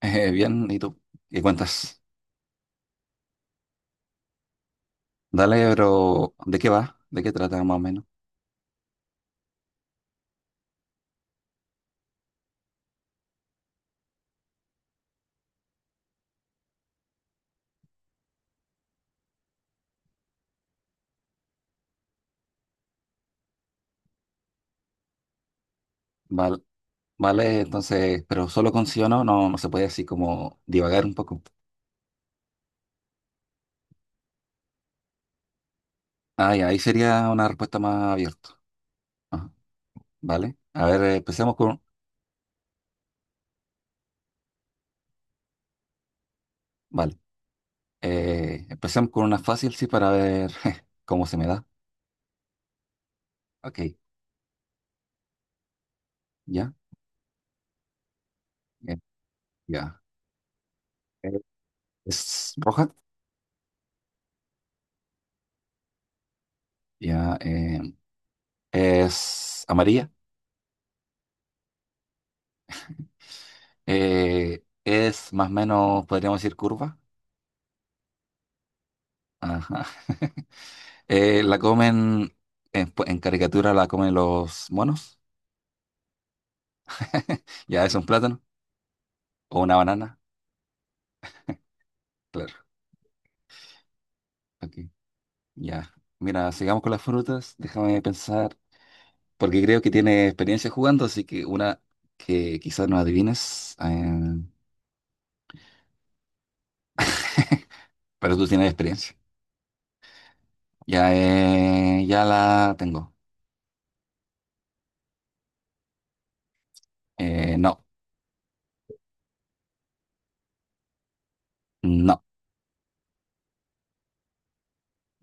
Bien, ¿y tú? ¿Qué cuentas? Dale, pero ¿de qué va? ¿De qué trata más o menos? Vale, vale, entonces, pero solo con sí o no, no, no se puede así como divagar un poco. Ah, ya, ahí sería una respuesta más abierta. Ajá, vale, a ver, empecemos con... Vale, empecemos con una fácil, sí, para ver cómo se me da. Ok, ya, eh, ya. Eh, ¿Es roja? Ya, ¿es amarilla? ¿Es más o menos, podríamos decir, curva? Ajá. La comen, pues, en caricatura la comen los monos. Ya es un plátano o una banana. Claro. Ok. Ya. Mira, sigamos con las frutas. Déjame pensar, porque creo que tiene experiencia jugando, así que una que quizás no adivines, pero tú tienes experiencia. Ya, ya la tengo. No, no,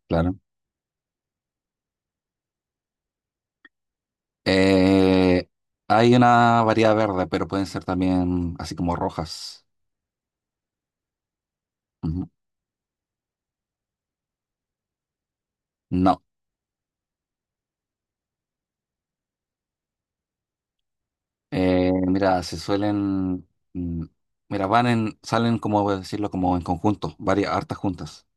claro. Eh, Hay una variedad verde, pero pueden ser también así como rojas. Ujú. No. Mira, se suelen, mm, mira, van en, salen como voy a decirlo, como en conjunto, varias hartas juntas,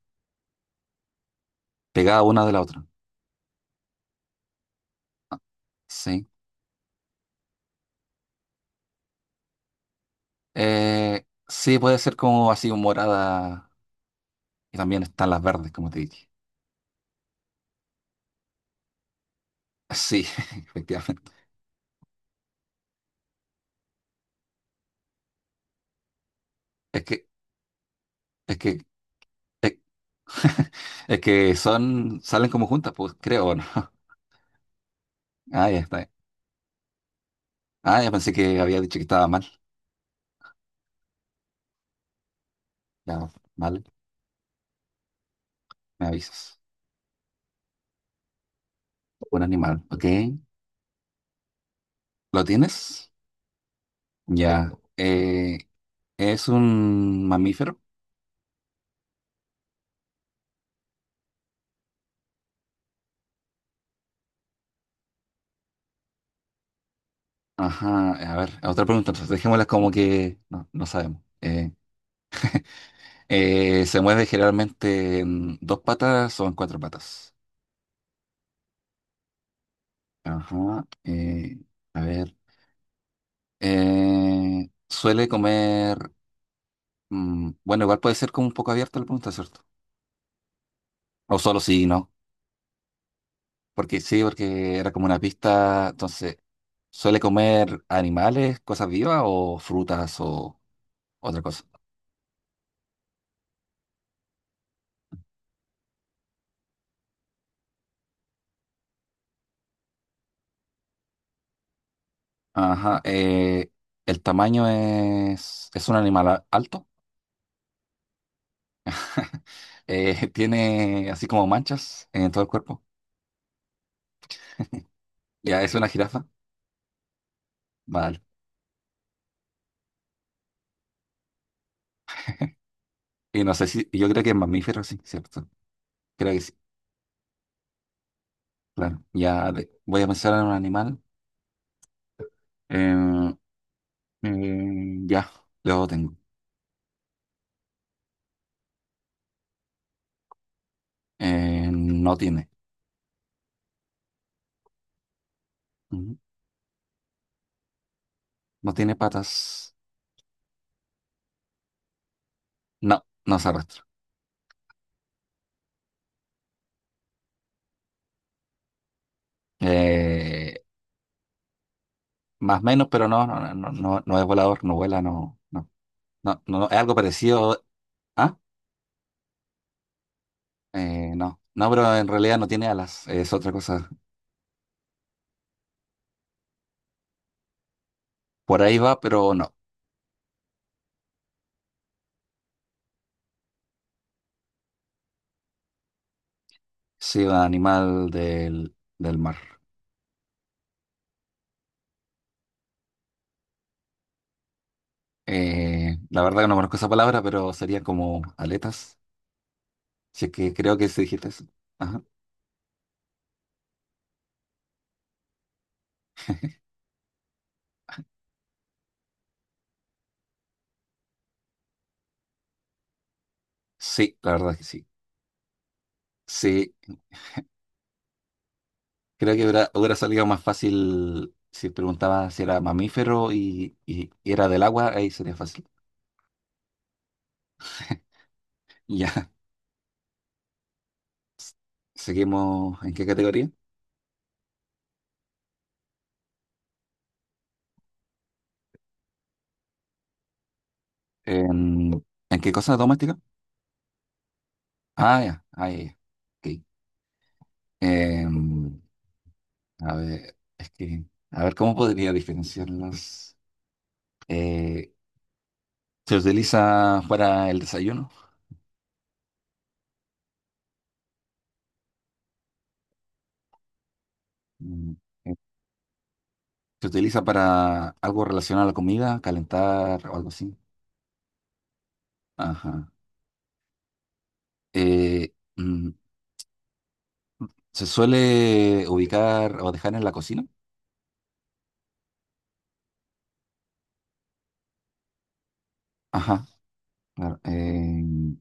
pegadas una de la otra. Ah, sí. Sí, puede ser como así un morada y también están las verdes, como te dije. Sí, efectivamente. Es que, es que, es, es que son, salen como juntas, pues creo, ¿o no? Ah, ya está. Ah, ya pensé que había dicho que estaba mal. Ya, vale, me avisas. Un animal, ¿ok? ¿Lo tienes? Ya. ¿Es un mamífero? Ajá, a ver, otra pregunta, entonces dejémosla como que no, no sabemos. ¿Se mueve generalmente en dos patas o en cuatro patas? Ajá, a ver, ¿suele comer, bueno, igual puede ser como un poco abierta la pregunta, ¿cierto? O solo sí y no, porque sí, porque era como una pista, entonces, ¿suele comer animales, cosas vivas o frutas o otra cosa? Ajá, el tamaño es un animal alto, tiene así como manchas en todo el cuerpo. Ya, es una jirafa, vale. Y no sé si, yo creo que es mamífero, sí, ¿cierto? Creo que sí, claro. Ya, voy a pensar en un animal. Eh, ya, luego tengo. No tiene. Ujú. No tiene patas. No, no se arrastra. Eh, Más o menos, pero no, no, no, no, no no es volador, no vuela, no, no, no, no, no, es algo parecido. ¿Ah? No, no, pero en realidad no tiene alas, es otra cosa. Por ahí va, pero no. Sí, un animal del mar. La verdad que no conozco esa palabra, pero sería como aletas. Si es que creo que sí dijiste eso. Ajá. Sí, la verdad que sí. Sí, creo que hubiera salido más fácil si preguntaba si era mamífero y era del agua, ahí sería fácil. Ya, seguimos. ¿En qué categoría? ¿En qué cosa doméstica? Ah, ya, ah, ya. Ya. Ok. Em, a ver, es que, a ver, ¿cómo podría diferenciarlos? Eh, ¿Se utiliza para el desayuno? Mm. eh, ¿Se utiliza para algo relacionado a la comida, calentar o algo así? Ajá. Eh, mm, ¿Se suele ubicar o dejar en la cocina? Ajá, claro.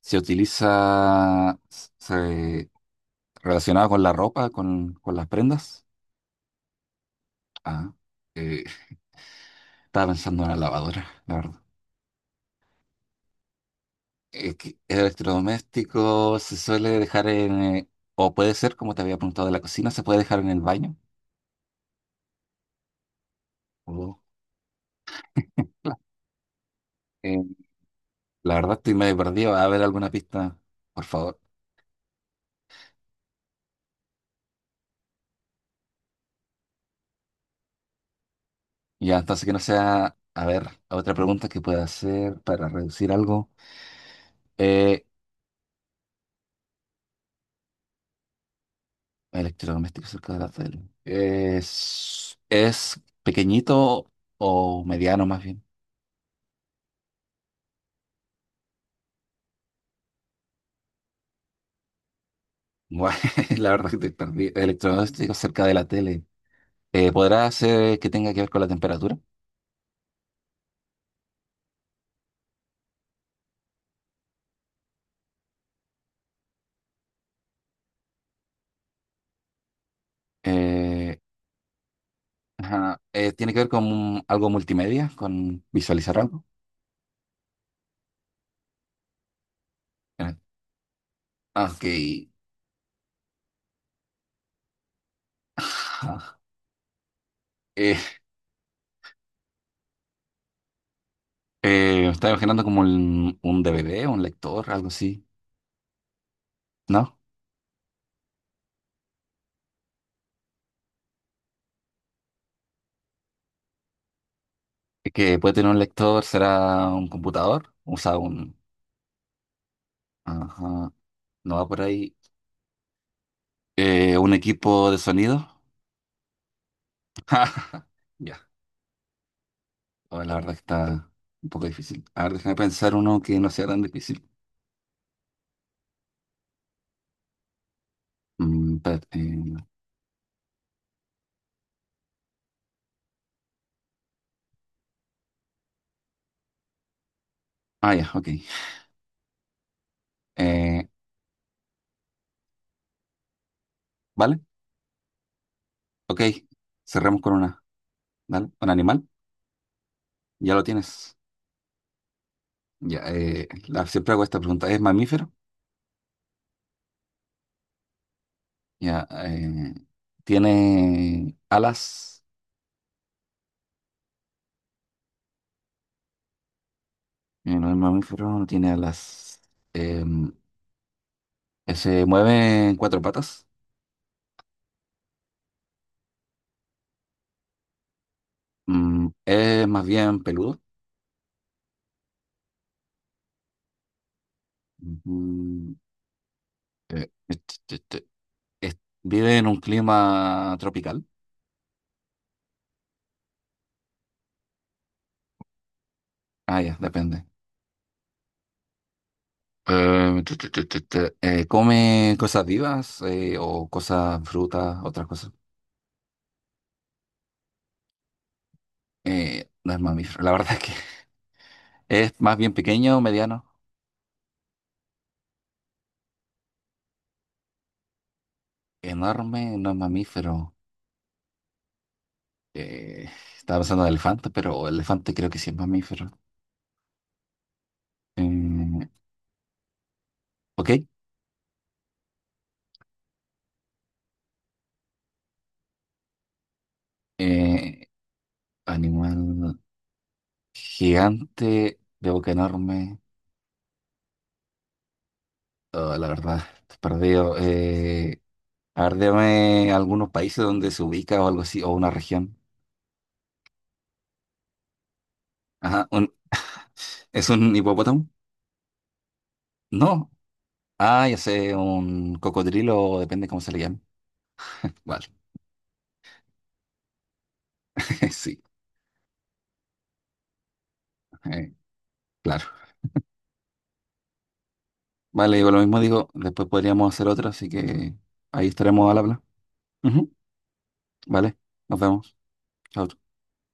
¿Se utiliza se- relacionado con la ropa, con las prendas? Ah, eh, estaba pensando en la lavadora, la verdad. Que electrodoméstico se suele dejar en, o puede ser, como te había preguntado de la cocina, se puede dejar en el baño. Oh. Eh, la verdad estoy medio perdido. A ver alguna pista, por favor. Ya, entonces que no sea, a ver, otra pregunta que pueda hacer para reducir algo. Eh, Electrodoméstico cerca de la tele. Es pequeñito o mediano más bien. Bueno, la verdad que estoy perdido. Electrodoméstico cerca de la tele. ¿Podrá ser que tenga que ver con la temperatura? Eh, ajá, ¿tiene que ver con algo multimedia? ¿Con visualizar algo? Eh, ok. Ajá. Eh, Me estaba imaginando como un DVD, un lector, algo así, ¿no? Es que puede tener un lector, será un computador, o sea, un. Ajá, no va por ahí. Un equipo de sonido. Ya, oh, la verdad que está un poco difícil. A ver, déjame pensar uno que no sea tan difícil. Espérate, ah, ya, ok. Eh, ¿Vale? Ok, cerramos con una. ¿Dale? ¿Un animal? Ya lo tienes. Ya, la, siempre hago esta pregunta. ¿Es mamífero? Ya, ¿tiene alas? No es mamífero, no tiene alas. Em, ¿Se mueve en cuatro patas? ¿Es más bien peludo? Ujú. Eh, et- et- et- es- ¿Vive en un clima tropical? Ah, ya, depende. Tu, tu, tu, tu, tu. ¿Come cosas vivas o cosas, frutas, otras cosas? No es mamífero, la verdad es que es más bien pequeño, mediano, enorme, no es mamífero. Eh, Estaba pensando en elefante, pero el elefante creo que sí es mamífero. Eh, ok, eh, animal gigante, de boca enorme. Oh, la verdad, estoy perdido. A ver, dame algunos países donde se ubica o algo así, o una región. Ajá, ¿es un hipopótamo? No. Ah, ya sé, un cocodrilo, depende cómo se le llame. Vale, sí. Eh, Claro. Vale, digo lo mismo, digo, después podríamos hacer otra, así que ahí estaremos al habla. Ujú, vale, nos vemos. Chao.